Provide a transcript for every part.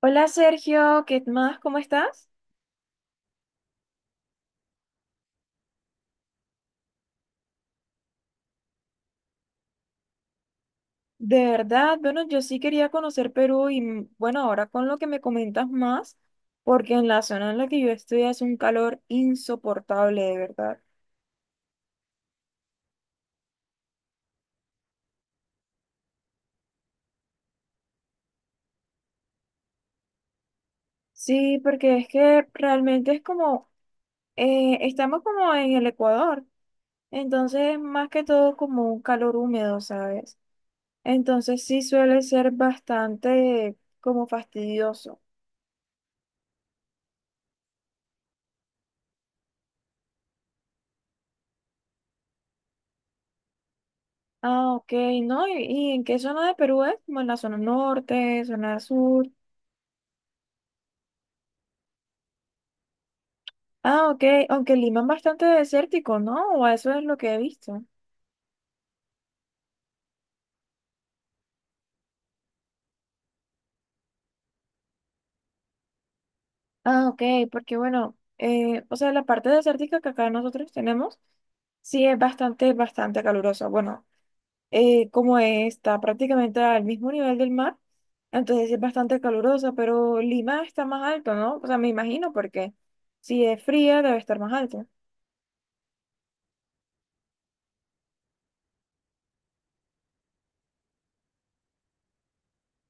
Hola Sergio, ¿qué más? ¿Cómo estás? De verdad, bueno, yo sí quería conocer Perú y bueno, ahora con lo que me comentas más, porque en la zona en la que yo estoy hace un calor insoportable, de verdad. Sí, porque es que realmente es como, estamos como en el Ecuador, entonces más que todo como un calor húmedo, ¿sabes? Entonces sí suele ser bastante como fastidioso. Ah, ok, ¿no? ¿Y en qué zona de Perú es? Como en la zona norte, zona sur. Ah, ok, aunque Lima es bastante desértico, ¿no? O eso es lo que he visto. Ah, ok, porque bueno, o sea, la parte desértica que acá nosotros tenemos, sí es bastante, bastante calurosa. Bueno, como está prácticamente al mismo nivel del mar, entonces sí es bastante calurosa, pero Lima está más alto, ¿no? O sea, me imagino porque si es fría debe estar más alto.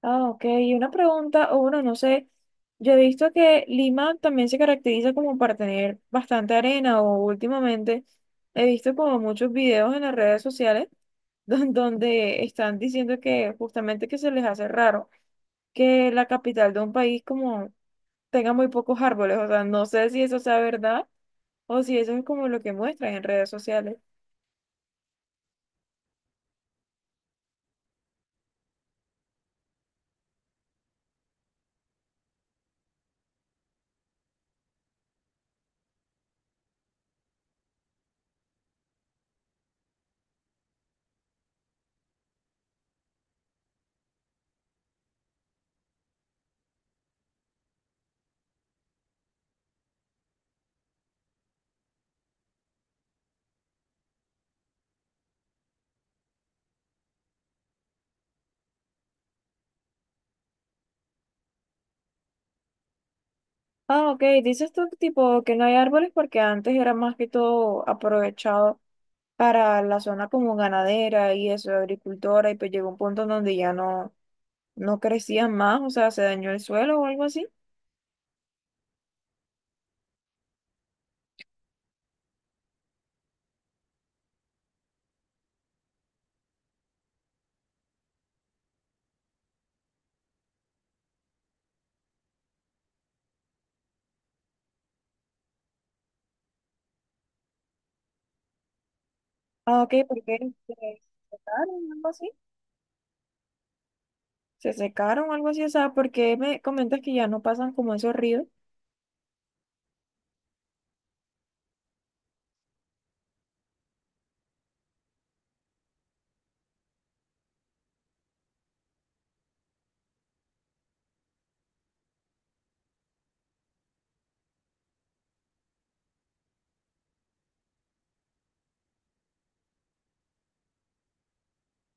Ah, ok. Y una pregunta, o bueno, no sé, yo he visto que Lima también se caracteriza como para tener bastante arena o últimamente he visto como muchos videos en las redes sociales donde están diciendo que justamente que se les hace raro que la capital de un país como tenga muy pocos árboles. O sea, no sé si eso sea verdad o si eso es como lo que muestran en redes sociales. Ah, ok. Dices tú tipo que no hay árboles porque antes era más que todo aprovechado para la zona como ganadera y eso, agricultora, y pues llegó un punto en donde ya no, no crecían más, o sea, se dañó el suelo o algo así. Ah, ok, porque se secaron, algo así. Se secaron, algo así, o sea, porque me comentas que ya no pasan como esos ríos.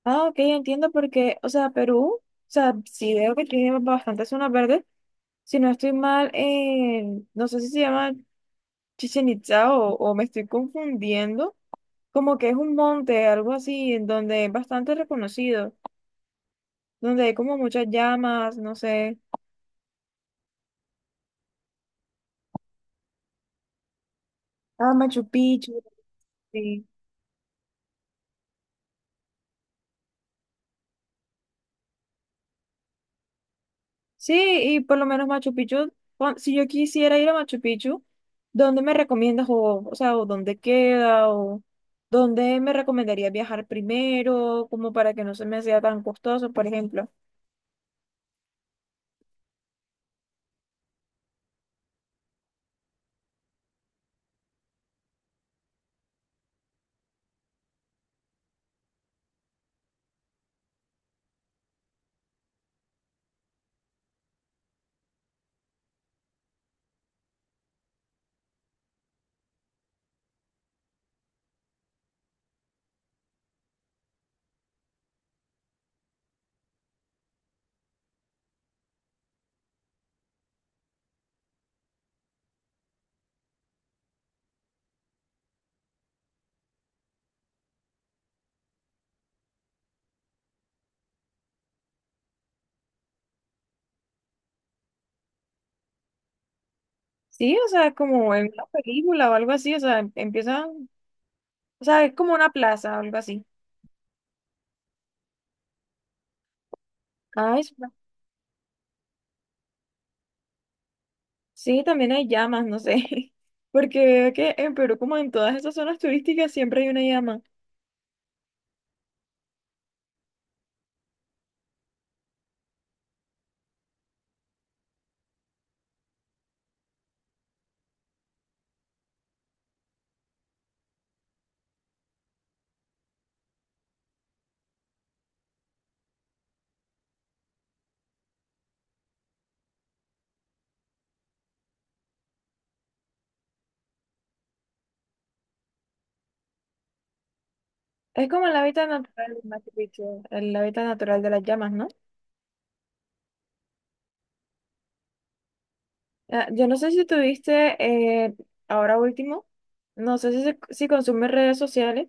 Ah, ok, entiendo porque, o sea, Perú, o sea, sí veo que tiene bastantes zonas verdes. Si no estoy mal, no sé si se llama Chichen Itza o me estoy confundiendo, como que es un monte, algo así, en donde es bastante reconocido, donde hay como muchas llamas, no sé, ah, Machu Picchu, sí. Sí, y por lo menos Machu Picchu, si yo quisiera ir a Machu Picchu, ¿dónde me recomiendas o sea, o dónde queda o dónde me recomendaría viajar primero, como para que no se me sea tan costoso, por ejemplo? Sí, o sea, como en una película o algo así, o sea, empieza, o sea, es como una plaza o algo así. Ah, es una- Sí, también hay llamas, no sé. Porque veo que en Perú, como en todas esas zonas turísticas, siempre hay una llama. Es como el hábitat natural de Machu Picchu, el hábitat natural de las llamas, ¿no? Ah, yo no sé si tuviste eh, ahora último, no sé si, si consumes redes sociales,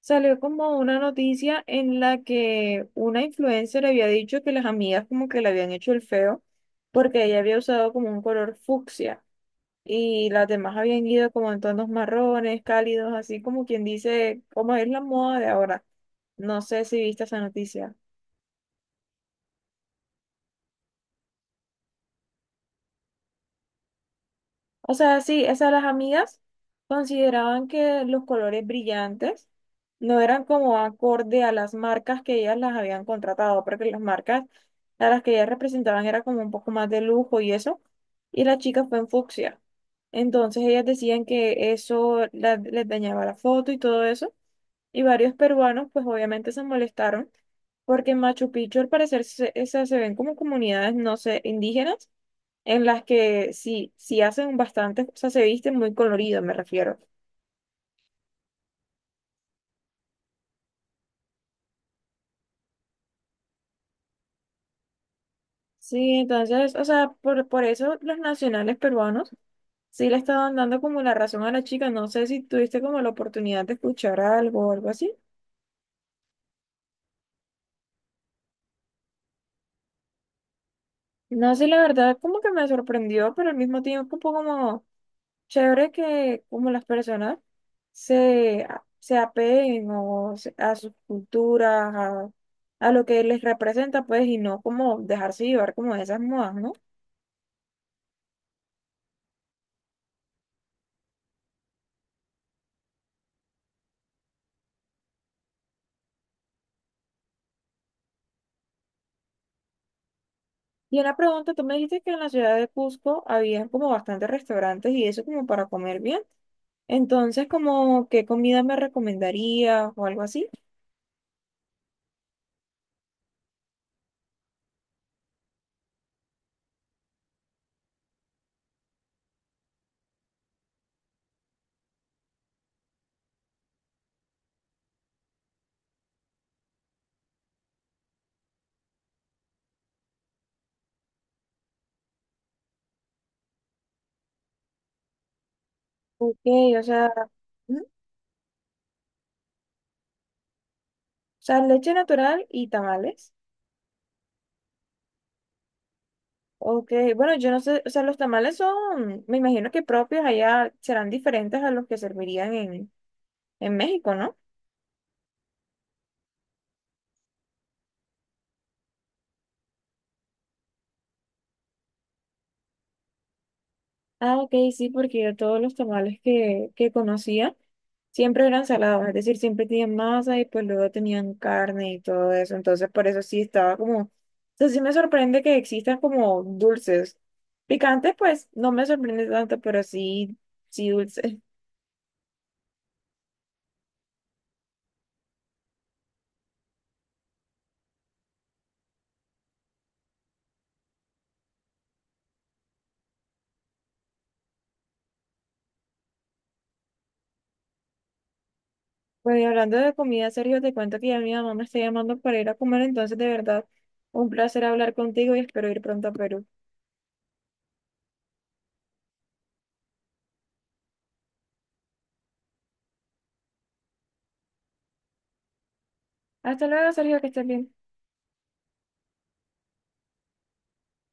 salió como una noticia en la que una influencer había dicho que las amigas como que le habían hecho el feo porque ella había usado como un color fucsia y las demás habían ido como en tonos marrones, cálidos, así como quien dice, como es la moda de ahora. No sé si viste esa noticia. O sea, sí, esas las amigas consideraban que los colores brillantes no eran como acorde a las marcas que ellas las habían contratado, porque las marcas a las que ellas representaban era como un poco más de lujo y eso, y la chica fue en fucsia. Entonces ellas decían que eso les dañaba la foto y todo eso, y varios peruanos pues obviamente se molestaron, porque en Machu Picchu al parecer se ven como comunidades, no sé, indígenas en las que sí, sí hacen bastante, o sea, se visten muy colorido, me refiero. Sí, entonces, o sea, por eso los nacionales peruanos sí le estaban dando como la razón a la chica. No sé si tuviste como la oportunidad de escuchar algo o algo así. No sé, la verdad, como que me sorprendió, pero al mismo tiempo un poco como chévere que como las personas se apeguen a sus culturas, a lo que les representa, pues, y no como dejarse llevar como de esas modas, ¿no? Y una pregunta, tú me dijiste que en la ciudad de Cusco había como bastantes restaurantes y eso como para comer bien. Entonces, como qué comida me recomendarías o algo así. Ok, o sea, ujú, o sea, leche natural y tamales. Ok, bueno, yo no sé, o sea, los tamales son, me imagino que propios allá serán diferentes a los que servirían en México, ¿no? Ah, ok, sí, porque yo todos los tamales que conocía siempre eran salados, es decir, siempre tenían masa y pues luego tenían carne y todo eso, entonces por eso sí estaba como, o sea, sí me sorprende que existan como dulces. Picantes, pues no me sorprende tanto, pero sí, sí dulces. Pues y hablando de comida, Sergio te cuento que ya mi mamá me está llamando para ir a comer, entonces de verdad, un placer hablar contigo y espero ir pronto a Perú. Hasta luego, Sergio, que estés bien.